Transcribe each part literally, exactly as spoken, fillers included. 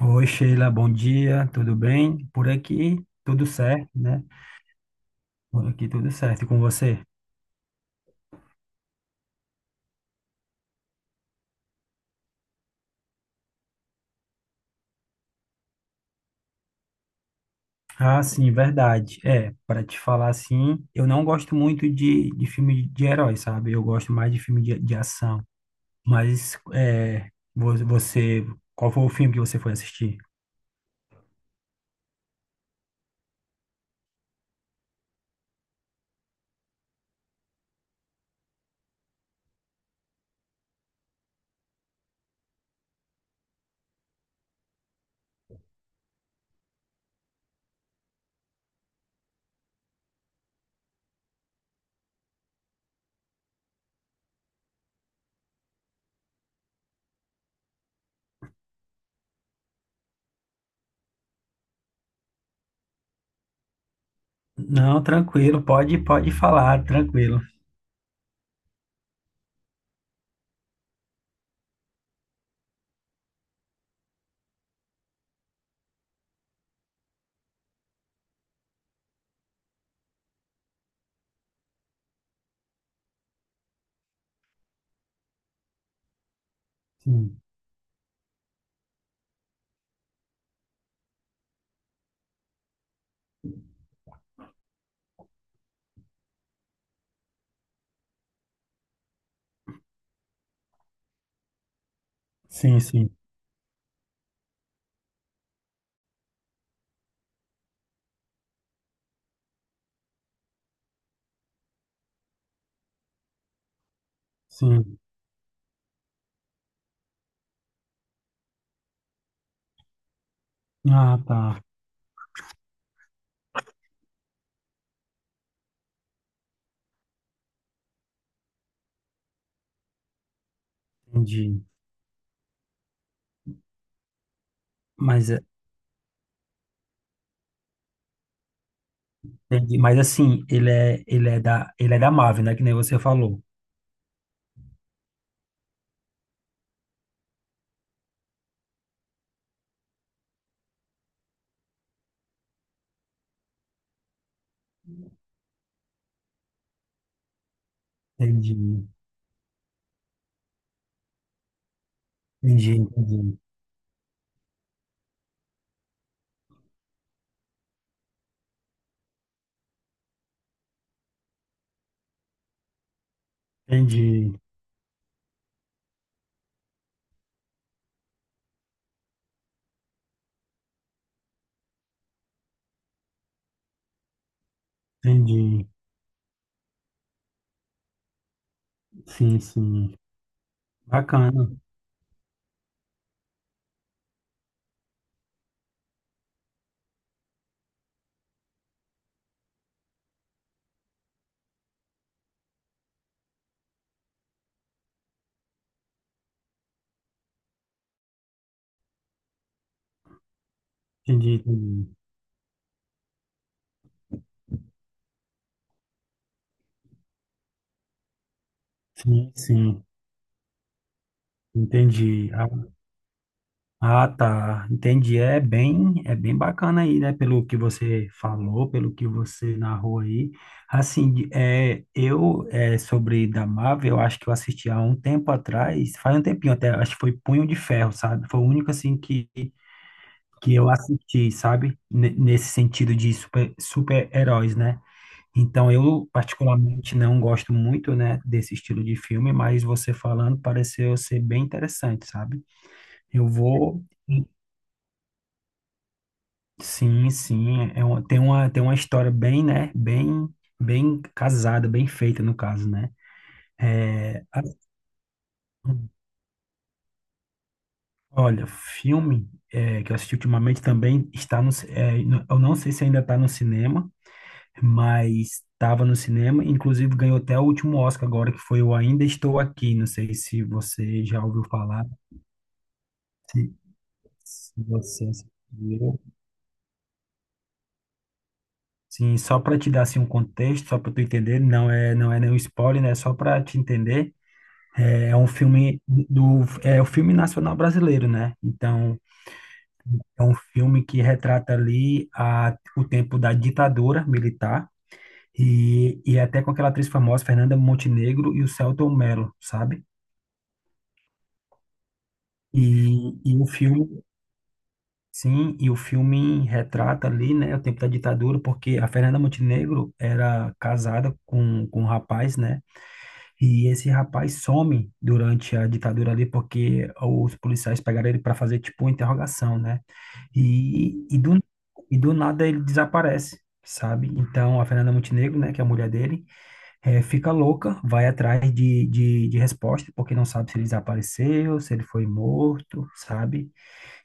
Oi, Sheila, bom dia, tudo bem? Por aqui, tudo certo, né? Por aqui, tudo certo, e com você? Ah, sim, verdade. É, para te falar assim, eu não gosto muito de, de filme de herói, sabe? Eu gosto mais de filme de, de ação. Mas, é, vo- você, qual foi o filme que você foi assistir? Não, tranquilo, pode, pode falar, tranquilo. Sim, sim, sim, sim. Ah, tá, entendi. Mas Entendi. Mas assim, ele é, ele é da, ele é da Marvel, né? Que nem você falou. Entendi. Entendi, entendi. Entendi, entendi. Sim, sim. Bacana. Entendi, entendi. Sim, sim. Entendi. Ah, ah, tá. Entendi. É bem, é bem bacana aí, né? Pelo que você falou, pelo que você narrou aí. Assim, de- é, eu, é, sobre da Marvel, eu acho que eu assisti há um tempo atrás, faz um tempinho até, acho que foi Punho de Ferro, sabe? Foi o único, assim, que que eu assisti, sabe? Ne- Nesse sentido de super, super-heróis, né? Então, eu particularmente não gosto muito, né, desse estilo de filme, mas você falando pareceu ser bem interessante, sabe? Eu vou. Sim, sim. É uma, tem uma, tem uma história bem, né? Bem, bem casada, bem feita, no caso, né? É, a- Olha, filme é, que eu assisti ultimamente também está no, ci- é, no- eu não sei se ainda está no cinema, mas estava no cinema, inclusive ganhou até o último Oscar agora, que foi o Ainda Estou Aqui. Não sei se você já ouviu falar, se, se você assistiu. Sim, só para te dar assim, um contexto, só para tu entender, não é, não é nenhum spoiler, né? Só para te entender. É, é um filme do, é o filme nacional brasileiro, né? Então, é um filme que retrata ali a, o tempo da ditadura militar e, e até com aquela atriz famosa, Fernanda Montenegro e o Selton Mello, sabe? E, e o filme, sim, e o filme retrata ali, né, o tempo da ditadura, porque a Fernanda Montenegro era casada com, com um rapaz, né, e esse rapaz some durante a ditadura ali, porque os policiais pegaram ele para fazer, tipo, uma interrogação, né, e, e, do, e do nada ele desaparece, sabe? Então a Fernanda Montenegro, né, que é a mulher dele, eh, fica louca, vai atrás de, de, de resposta, porque não sabe se ele desapareceu, se ele foi morto, sabe?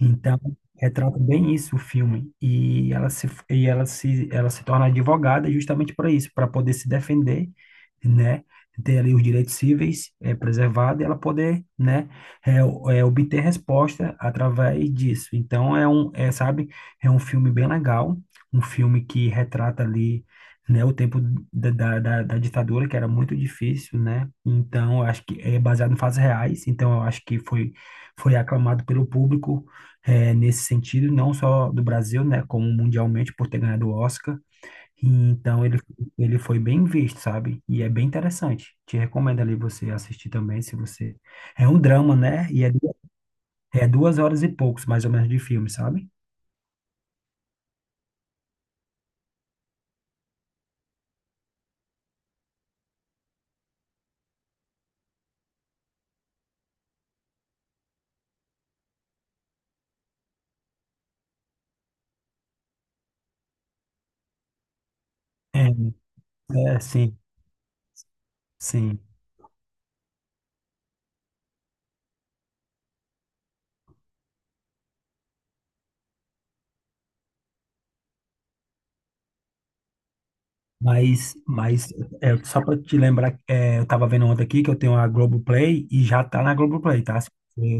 Então, retrata bem isso o filme. E ela se, e ela se, ela se torna advogada justamente para isso, para poder se defender, né? Ter ali os direitos cíveis é, preservados e ela poder, né, é, o- é, obter resposta através disso. Então, é um, é, sabe, é um filme bem legal, um filme que retrata ali, né, o tempo da, da, da da ditadura, que era muito difícil, né? Então, eu acho que é baseado em fatos reais, então eu acho que foi foi aclamado pelo público, é, nesse sentido, não só do Brasil, né, como mundialmente por ter ganhado o Oscar. E, então ele, ele foi bem visto, sabe? E é bem interessante. Te recomendo ali você assistir também, se você... É um drama, né? E é, du- é duas horas e poucos, mais ou menos, de filme, sabe? É, é sim, sim. Mas, mas é, só para te lembrar, é, eu tava vendo ontem aqui que eu tenho a Globoplay e já tá na Globoplay, tá? Se,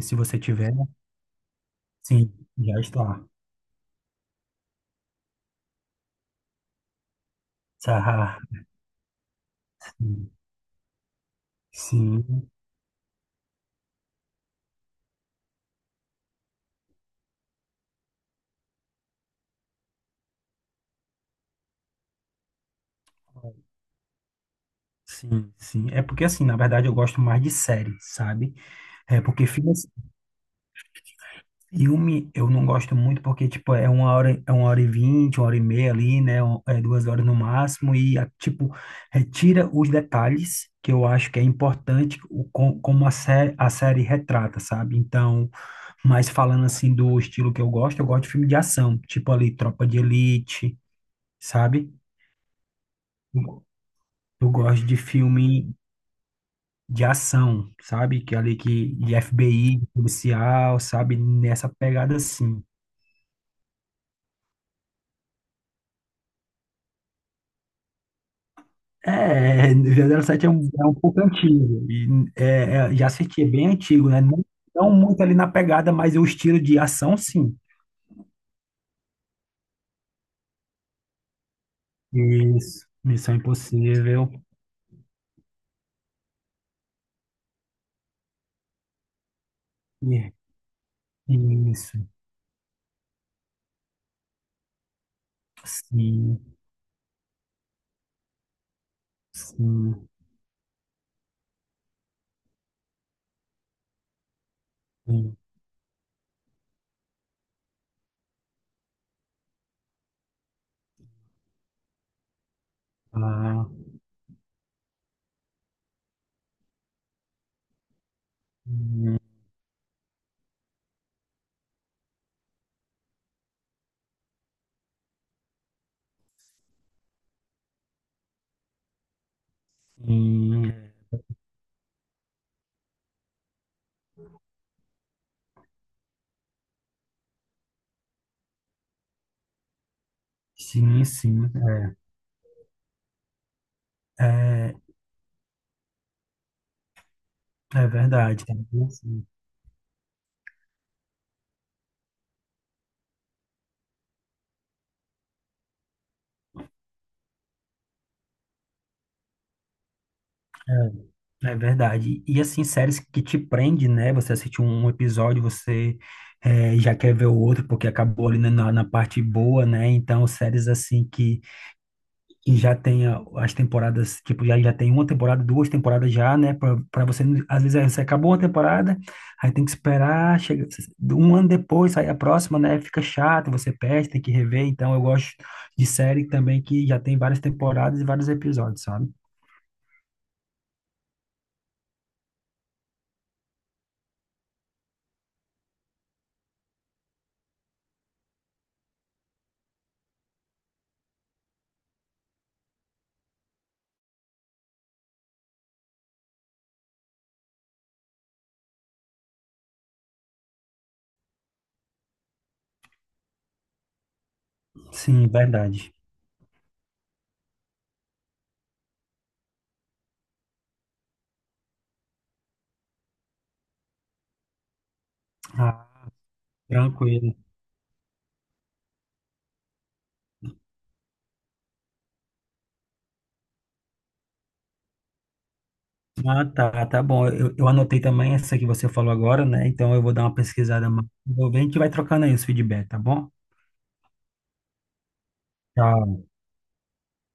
se você tiver, sim, já está. Tá. Sim, sim. Sim, sim. É porque, assim, na verdade eu gosto mais de série, sabe? É porque filme, assim, filme eu não gosto muito porque, tipo, é uma hora, é uma hora e vinte, uma hora e meia ali, né? É duas horas no máximo e, a- tipo, retira os detalhes que eu acho que é importante o, com- como a série, a série retrata, sabe? Então, mas falando, assim, do estilo que eu gosto, eu gosto de filme de ação, tipo ali, Tropa de Elite, sabe? Eu eu gosto de filme de ação, sabe? Que é ali que de F B I, de policial, sabe? Nessa pegada assim. É, zero zero sete é um, é um, pouco antigo. E, é, é, já assisti, é bem antigo, né? Não, não muito ali na pegada, mas o estilo de ação, sim. Isso. Missão Impossível. E- Isso. Sim, sim, sim. Ah, hum, sim, sim, sim. É, é verdade. É, bem assim. É verdade. E assim, séries que te prende, né? Você assiste um episódio, você eh, já quer ver o outro, porque acabou ali na, na na parte boa, né? Então, séries assim que, que já tem a- as temporadas, tipo, já, já tem uma temporada, duas temporadas já, né? Pra, pra você, não- às vezes, aí você acabou uma temporada, aí tem que esperar, chega um ano depois, sai a próxima, né? Fica chato, você perde, tem que rever. Então, eu gosto de série também que já tem várias temporadas e vários episódios, sabe? Sim, verdade. Ah, tranquilo. Ah, tá, tá bom. Eu, eu anotei também essa que você falou agora, né? Então eu vou dar uma pesquisada mais. Vou ver, a gente vai trocando aí os feedback, tá bom? Tá.